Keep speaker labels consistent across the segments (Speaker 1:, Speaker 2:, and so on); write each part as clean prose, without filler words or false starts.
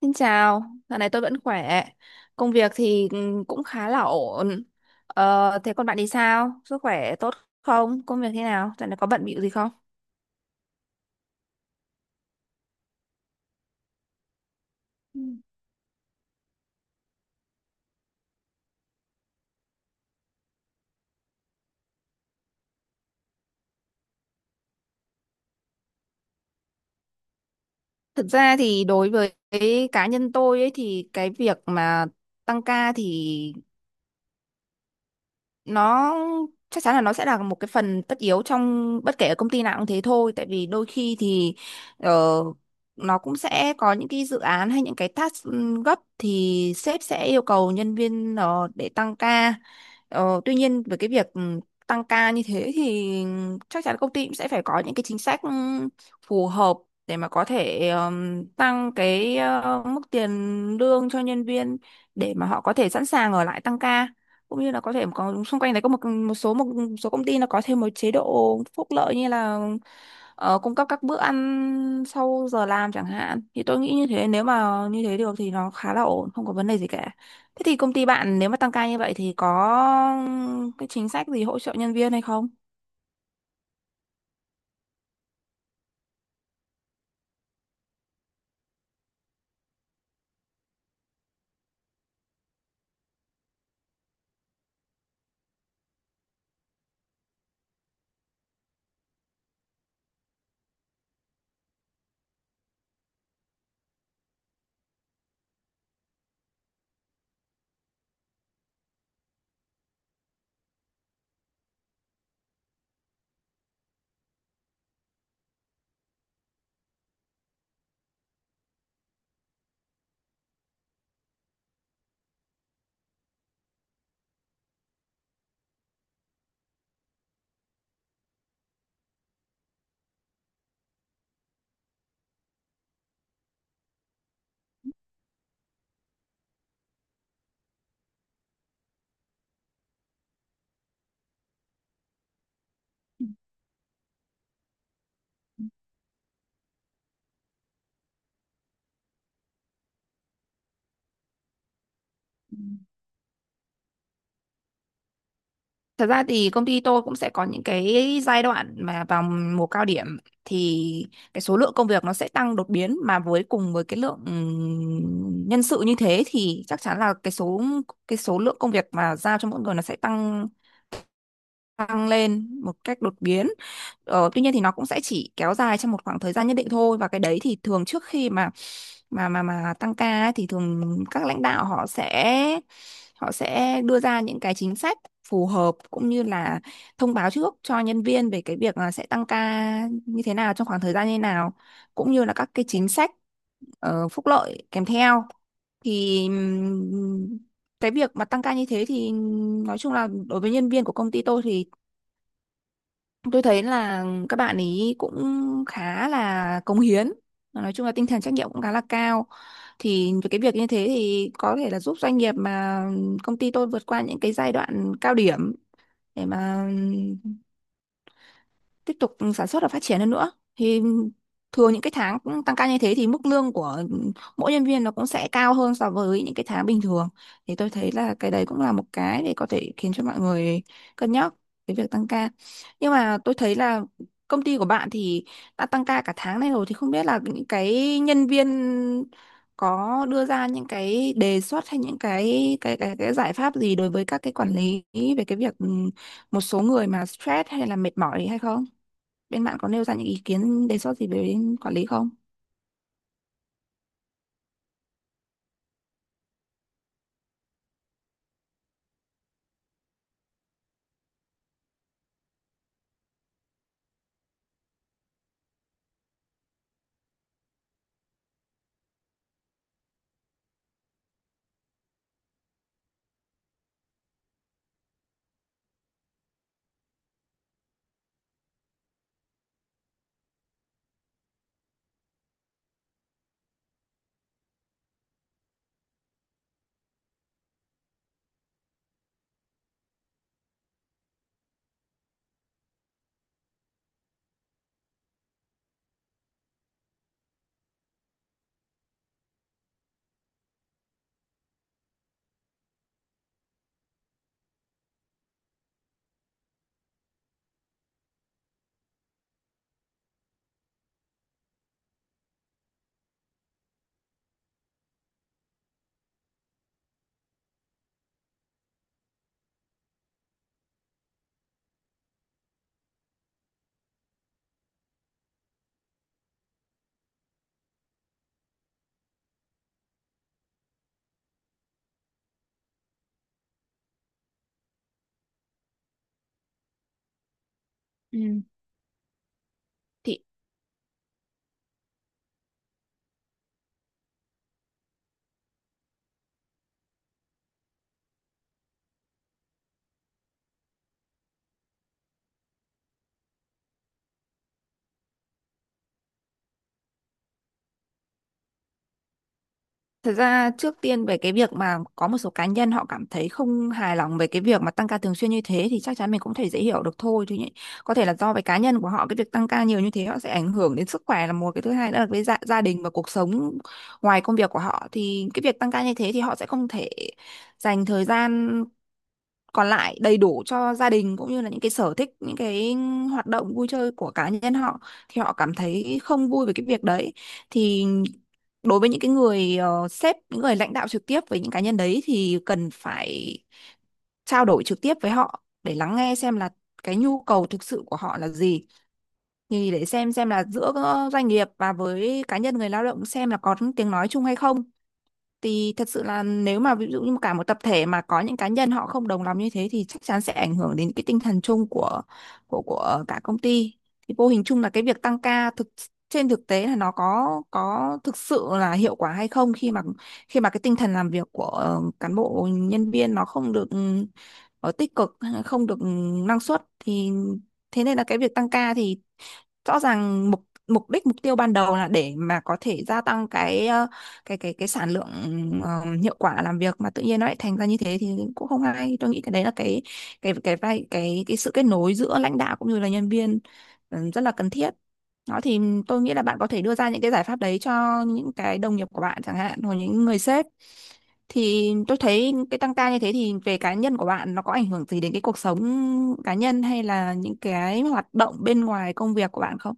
Speaker 1: Xin chào, dạo này tôi vẫn khỏe. Công việc thì cũng khá là ổn. Thế còn bạn thì sao? Sức khỏe tốt không? Công việc thế nào? Dạo này có bận bịu gì không? Ừ. Thực ra thì đối với cái cá nhân tôi ấy thì cái việc mà tăng ca thì nó chắc chắn là nó sẽ là một cái phần tất yếu trong bất kể ở công ty nào cũng thế thôi, tại vì đôi khi thì ờ, nó cũng sẽ có những cái dự án hay những cái task gấp thì sếp sẽ yêu cầu nhân viên để tăng ca. Tuy nhiên với cái việc tăng ca như thế thì chắc chắn công ty cũng sẽ phải có những cái chính sách phù hợp để mà có thể tăng cái mức tiền lương cho nhân viên để mà họ có thể sẵn sàng ở lại tăng ca, cũng như là có thể có xung quanh đấy có một một số số công ty nó có thêm một chế độ phúc lợi như là cung cấp các bữa ăn sau giờ làm chẳng hạn. Thì tôi nghĩ như thế, nếu mà như thế được thì nó khá là ổn, không có vấn đề gì cả. Thế thì công ty bạn nếu mà tăng ca như vậy thì có cái chính sách gì hỗ trợ nhân viên hay không? Thật ra thì công ty tôi cũng sẽ có những cái giai đoạn mà vào mùa cao điểm thì cái số lượng công việc nó sẽ tăng đột biến, mà với cùng với cái lượng nhân sự như thế thì chắc chắn là cái số lượng công việc mà giao cho mỗi người nó sẽ tăng tăng lên một cách đột biến. Tuy nhiên thì nó cũng sẽ chỉ kéo dài trong một khoảng thời gian nhất định thôi, và cái đấy thì thường trước khi mà tăng ca ấy, thì thường các lãnh đạo họ sẽ đưa ra những cái chính sách phù hợp, cũng như là thông báo trước cho nhân viên về cái việc là sẽ tăng ca như thế nào, trong khoảng thời gian như thế nào, cũng như là các cái chính sách phúc lợi kèm theo. Thì cái việc mà tăng ca như thế thì nói chung là đối với nhân viên của công ty tôi thì tôi thấy là các bạn ý cũng khá là cống hiến, nói chung là tinh thần trách nhiệm cũng khá là cao. Thì với cái việc như thế thì có thể là giúp doanh nghiệp mà công ty tôi vượt qua những cái giai đoạn cao điểm để mà tiếp tục sản xuất và phát triển hơn nữa. Thì thường những cái tháng cũng tăng ca như thế thì mức lương của mỗi nhân viên nó cũng sẽ cao hơn so với những cái tháng bình thường, thì tôi thấy là cái đấy cũng là một cái để có thể khiến cho mọi người cân nhắc cái việc tăng ca. Nhưng mà tôi thấy là công ty của bạn thì đã tăng ca cả tháng này rồi, thì không biết là những cái nhân viên có đưa ra những cái đề xuất hay những cái cái giải pháp gì đối với các cái quản lý về cái việc một số người mà stress hay là mệt mỏi hay không? Bên bạn có nêu ra những ý kiến đề xuất gì về đến quản lý không? Ừ. Thì thật ra trước tiên về cái việc mà có một số cá nhân họ cảm thấy không hài lòng về cái việc mà tăng ca thường xuyên như thế thì chắc chắn mình cũng thể dễ hiểu được thôi thì nhỉ- có thể là do về cá nhân của họ, cái việc tăng ca nhiều như thế họ sẽ ảnh hưởng đến sức khỏe là một, cái thứ hai nữa là với gia đình và cuộc sống ngoài công việc của họ thì cái việc tăng ca như thế thì họ sẽ không thể dành thời gian còn lại đầy đủ cho gia đình cũng như là những cái sở thích, những cái hoạt động vui chơi của cá nhân họ, thì họ cảm thấy không vui về cái việc đấy. Thì đối với những cái người sếp, những người lãnh đạo trực tiếp với những cá nhân đấy, thì cần phải trao đổi trực tiếp với họ để lắng nghe xem là cái nhu cầu thực sự của họ là gì, thì để xem là giữa doanh nghiệp và với cá nhân người lao động xem là có tiếng nói chung hay không. Thì thật sự là nếu mà ví dụ như cả một tập thể mà có những cá nhân họ không đồng lòng như thế thì chắc chắn sẽ ảnh hưởng đến cái tinh thần chung của cả công ty. Thì vô hình chung là cái việc tăng ca thực trên thực tế là nó có thực sự là hiệu quả hay không, khi mà khi mà cái tinh thần làm việc của cán bộ nhân viên nó không được tích cực, không được năng suất. Thì thế nên là cái việc tăng ca thì rõ ràng mục mục đích mục tiêu ban đầu là để mà có thể gia tăng cái cái sản lượng, ờ, hiệu quả làm việc, mà tự nhiên nó lại thành ra như thế thì cũng không hay. Tôi nghĩ cái đấy là cái vai cái sự kết nối giữa lãnh đạo cũng như là nhân viên rất là cần thiết. Đó thì tôi nghĩ là bạn có thể đưa ra những cái giải pháp đấy cho những cái đồng nghiệp của bạn chẳng hạn, hoặc những người sếp. Thì tôi thấy cái tăng ca như thế thì về cá nhân của bạn nó có ảnh hưởng gì đến cái cuộc sống cá nhân hay là những cái hoạt động bên ngoài công việc của bạn không?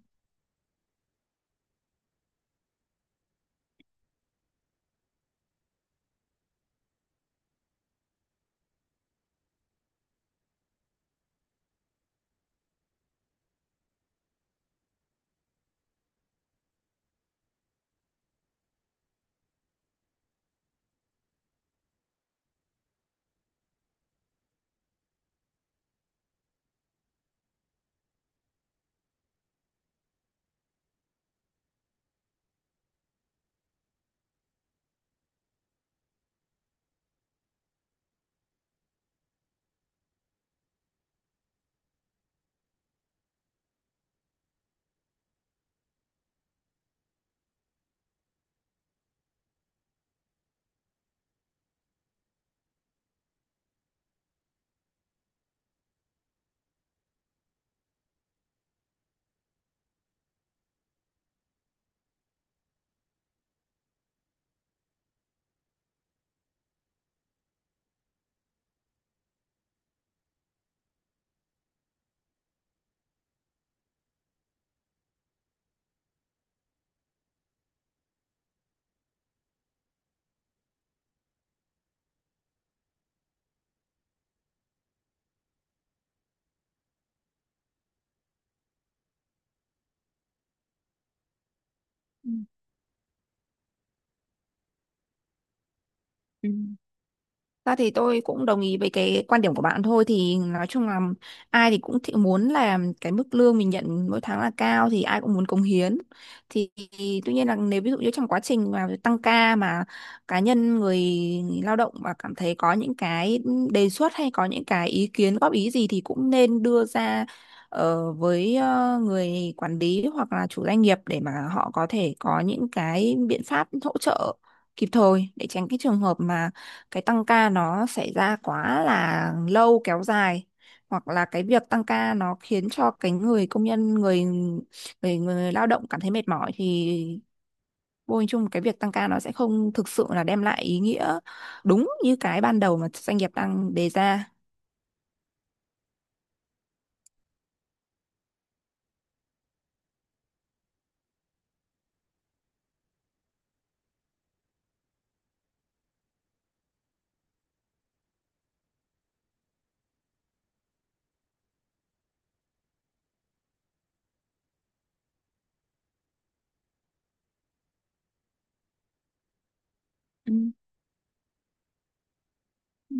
Speaker 1: Ra thì tôi cũng đồng ý với cái quan điểm của bạn thôi, thì nói chung là ai thì cũng thị muốn là cái mức lương mình nhận mỗi tháng là cao, thì ai cũng muốn cống hiến. thì, Tuy nhiên là nếu ví dụ như trong quá trình mà tăng ca mà cá nhân người lao động mà cảm thấy có những cái đề xuất hay có những cái ý kiến góp ý gì thì cũng nên đưa ra với người quản lý hoặc là chủ doanh nghiệp, để mà họ có thể có những cái biện pháp hỗ trợ kịp thời, để tránh cái trường hợp mà cái tăng ca nó xảy ra quá là lâu kéo dài, hoặc là cái việc tăng ca nó khiến cho cái người công nhân, người người người lao động cảm thấy mệt mỏi, thì vô hình chung cái việc tăng ca nó sẽ không thực sự là đem lại ý nghĩa đúng như cái ban đầu mà doanh nghiệp đang đề ra. Ừ.